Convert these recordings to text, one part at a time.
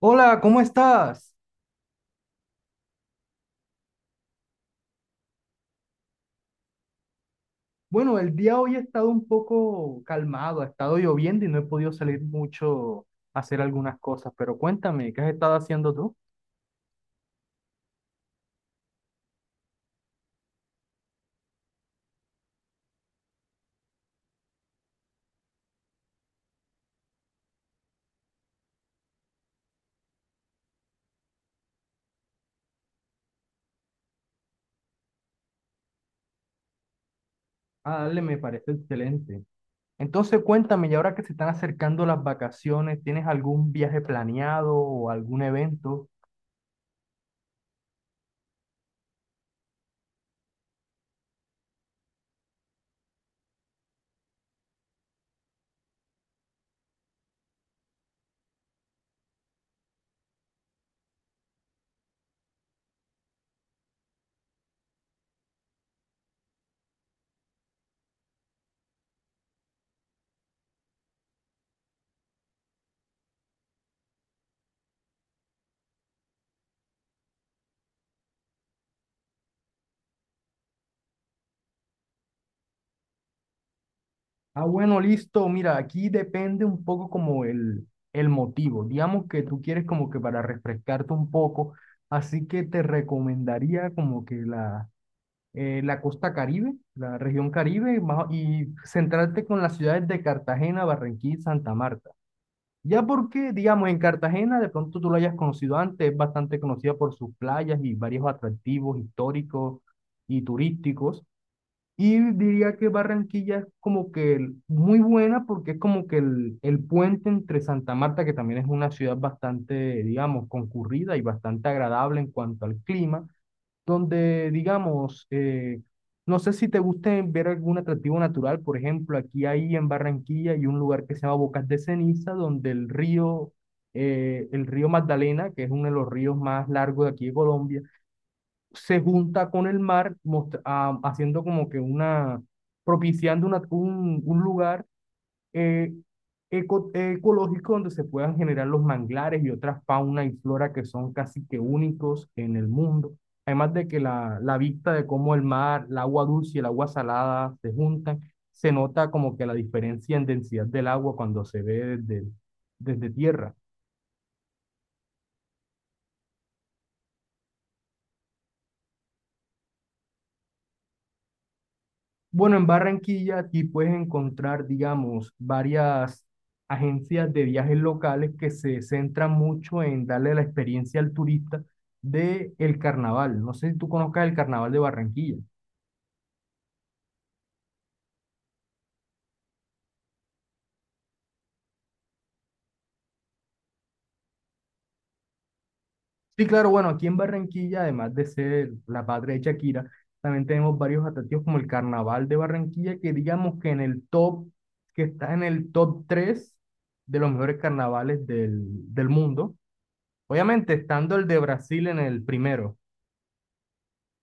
Hola, ¿cómo estás? Bueno, el día hoy ha estado un poco calmado, ha estado lloviendo y no he podido salir mucho a hacer algunas cosas, pero cuéntame, ¿qué has estado haciendo tú? Ah, dale, me parece excelente. Entonces, cuéntame, y ahora que se están acercando las vacaciones, ¿tienes algún viaje planeado o algún evento? Ah, bueno, listo, mira, aquí depende un poco como el motivo. Digamos que tú quieres como que para refrescarte un poco, así que te recomendaría como que la la costa Caribe, la región Caribe, y centrarte con las ciudades de Cartagena, Barranquilla y Santa Marta. Ya porque, digamos, en Cartagena de pronto tú lo hayas conocido antes, es bastante conocida por sus playas y varios atractivos históricos y turísticos. Y diría que Barranquilla es como que muy buena porque es como que el puente entre Santa Marta, que también es una ciudad bastante, digamos, concurrida y bastante agradable en cuanto al clima, donde, digamos, no sé si te guste ver algún atractivo natural, por ejemplo, aquí hay en Barranquilla hay un lugar que se llama Bocas de Ceniza, donde el río Magdalena, que es uno de los ríos más largos de aquí de Colombia, se junta con el mar, haciendo como que una, propiciando un lugar eh, ecológico donde se puedan generar los manglares y otras fauna y flora que son casi que únicos en el mundo. Además de que la vista de cómo el mar, el agua dulce y el agua salada se juntan, se nota como que la diferencia en densidad del agua cuando se ve desde, desde tierra. Bueno, en Barranquilla aquí puedes encontrar, digamos, varias agencias de viajes locales que se centran mucho en darle la experiencia al turista de el carnaval. No sé si tú conozcas el carnaval de Barranquilla. Sí, claro, bueno, aquí en Barranquilla, además de ser la patria de Shakira, también tenemos varios atractivos como el carnaval de Barranquilla, que digamos que en el top, que está en el top 3 de los mejores carnavales del mundo. Obviamente, estando el de Brasil en el primero,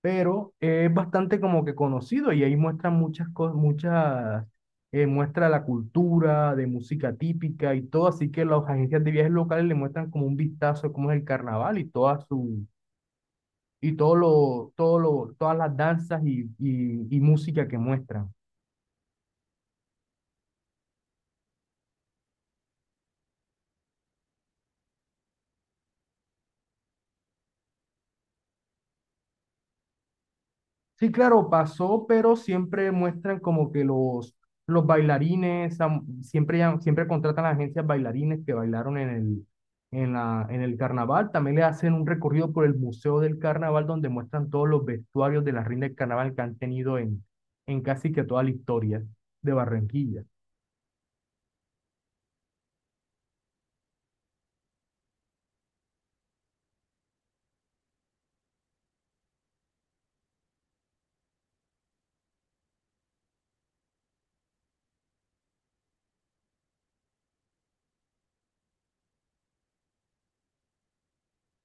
pero es bastante como que conocido y ahí muestra muchas cosas, muchas, muestra la cultura de música típica y todo, así que las agencias de viajes locales le muestran como un vistazo de cómo es el carnaval y toda su, y todas las danzas y música que muestran. Sí, claro, pasó, pero siempre muestran como que los bailarines, siempre, siempre contratan a agencias bailarines que bailaron en el, en el carnaval. También le hacen un recorrido por el Museo del Carnaval donde muestran todos los vestuarios de las reina del carnaval que han tenido en casi que toda la historia de Barranquilla.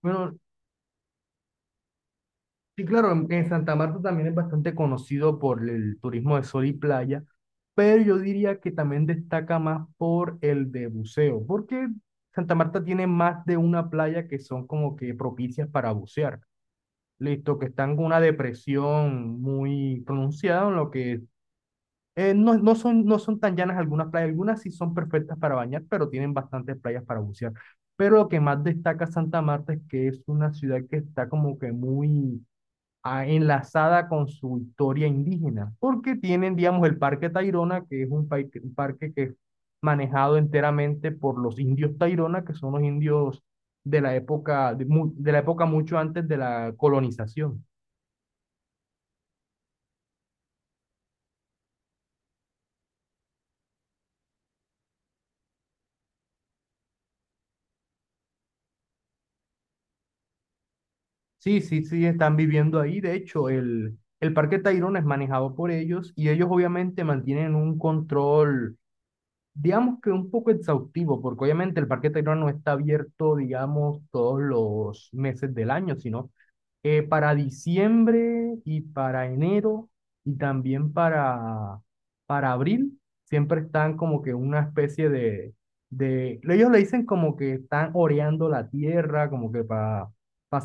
Bueno, sí, claro, en Santa Marta también es bastante conocido por el turismo de sol y playa, pero yo diría que también destaca más por el de buceo, porque Santa Marta tiene más de una playa que son como que propicias para bucear. Listo, que están con una depresión muy pronunciada, en lo que no, no son tan llanas algunas playas, algunas sí son perfectas para bañar, pero tienen bastantes playas para bucear. Pero lo que más destaca Santa Marta es que es una ciudad que está como que muy enlazada con su historia indígena, porque tienen, digamos, el Parque Tayrona, que es un parque que es manejado enteramente por los indios Tayrona, que son los indios de la época, de la época mucho antes de la colonización. Sí, sí, sí, están viviendo ahí. De hecho, el Parque Tayrona es manejado por ellos y ellos obviamente mantienen un control digamos que un poco exhaustivo, porque obviamente el Parque Tayrona no está abierto, digamos, todos los meses del año, sino para diciembre y para enero y también para abril, siempre están como que una especie de, ellos le dicen como que están oreando la tierra, como que para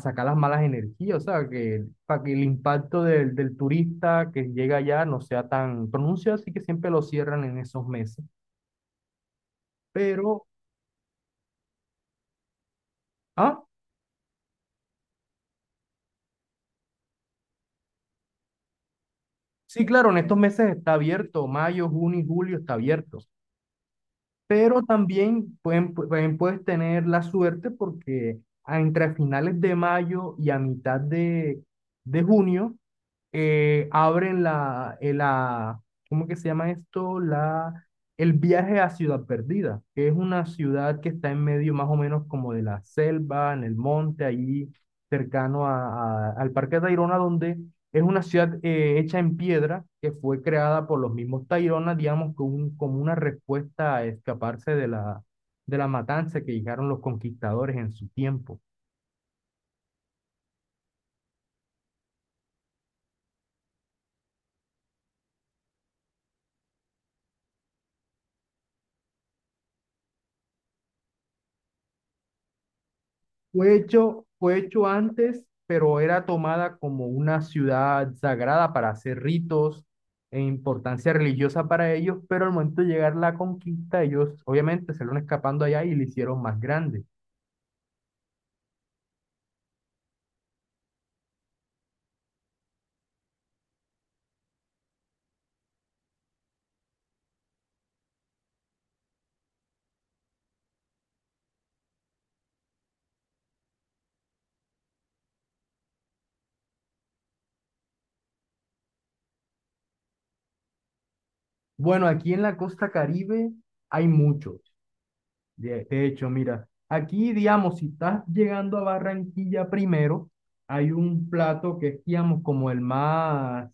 sacar las malas energías, o sea, que para que el impacto del turista que llega allá no sea tan pronunciado, así que siempre lo cierran en esos meses. Pero, ah, sí, claro, en estos meses está abierto, mayo, junio y julio está abierto. Pero también puedes tener la suerte porque entre finales de mayo y a mitad de junio abren la, ¿cómo que se llama esto? La, el viaje a Ciudad Perdida, que es una ciudad que está en medio más o menos como de la selva, en el monte, ahí cercano al Parque Tayrona, donde es una ciudad hecha en piedra que fue creada por los mismos Tairona, digamos, como, como una respuesta a escaparse de la matanza que llegaron los conquistadores en su tiempo. Fue hecho antes, pero era tomada como una ciudad sagrada para hacer ritos e importancia religiosa para ellos, pero al momento de llegar la conquista, ellos obviamente se fueron escapando allá y le hicieron más grande. Bueno, aquí en la costa Caribe hay mucho. De hecho, mira, aquí, digamos, si estás llegando a Barranquilla primero, hay un plato que es, digamos, como el más,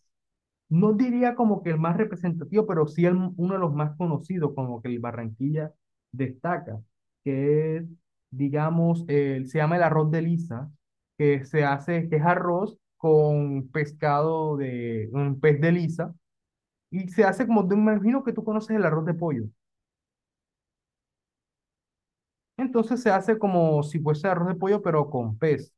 no diría como que el más representativo, pero sí el, uno de los más conocidos, como que el Barranquilla destaca, que es, digamos, el- se llama el arroz de lisa, que se hace, que es arroz con pescado de, un pez de lisa, y se hace como, de, me imagino que tú conoces el arroz de pollo. Entonces se hace como si fuese arroz de pollo, pero con pez.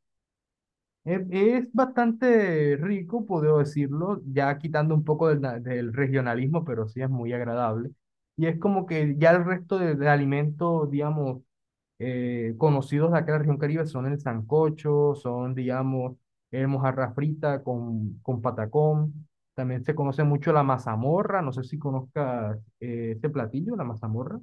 Es bastante rico, puedo decirlo, ya quitando un poco del, del regionalismo, pero sí es muy agradable. Y es como que ya el resto de alimentos, digamos, conocidos de acá de la región Caribe son el sancocho, son, digamos, el mojarra frita con patacón. También se conoce mucho la mazamorra, no sé si conozcas este platillo, la mazamorra.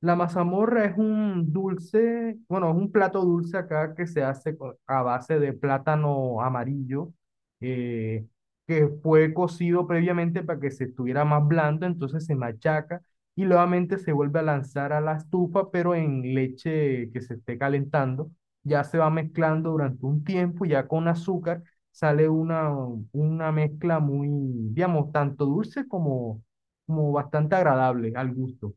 La mazamorra es un dulce, bueno, es un plato dulce acá que se hace a base de plátano amarillo, eh, que fue cocido previamente para que se estuviera más blando, entonces se machaca y nuevamente se vuelve a lanzar a la estufa, pero en leche que se esté calentando. Ya se va mezclando durante un tiempo, ya con azúcar sale una mezcla muy, digamos, tanto dulce como, como bastante agradable al gusto.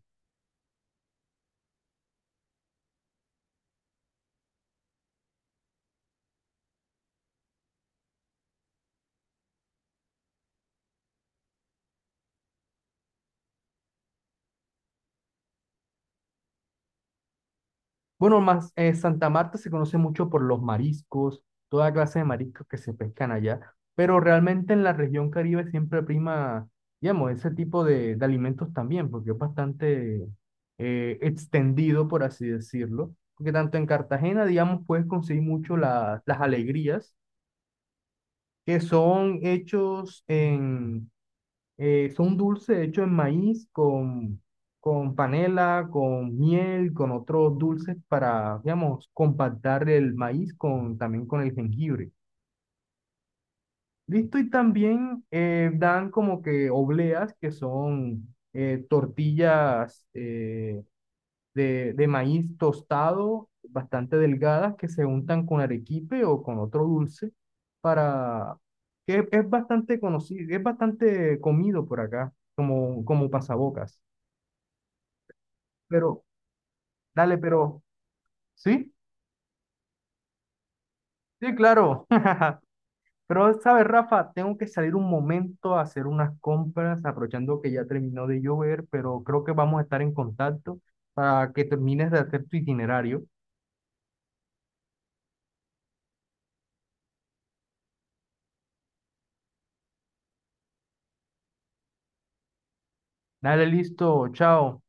Bueno, más Santa Marta se conoce mucho por los mariscos, toda clase de mariscos que se pescan allá, pero realmente en la región Caribe siempre prima, digamos, ese tipo de alimentos también, porque es bastante extendido, por así decirlo, porque tanto en Cartagena, digamos, puedes conseguir mucho las alegrías que son hechos en son dulces hechos en maíz con panela, con miel, con otros dulces para, digamos, compactar el maíz con, también con el jengibre. Listo, y también dan como que obleas, que son tortillas, de maíz tostado, bastante delgadas, que se untan con arequipe o con otro dulce, para, que es bastante conocido, es bastante comido por acá, como, como pasabocas. Pero, dale, pero, ¿sí? Sí, claro. Pero, ¿sabes, Rafa? Tengo que salir un momento a hacer unas compras, aprovechando que ya terminó de llover, pero creo que vamos a estar en contacto para que termines de hacer tu itinerario. Dale, listo, chao.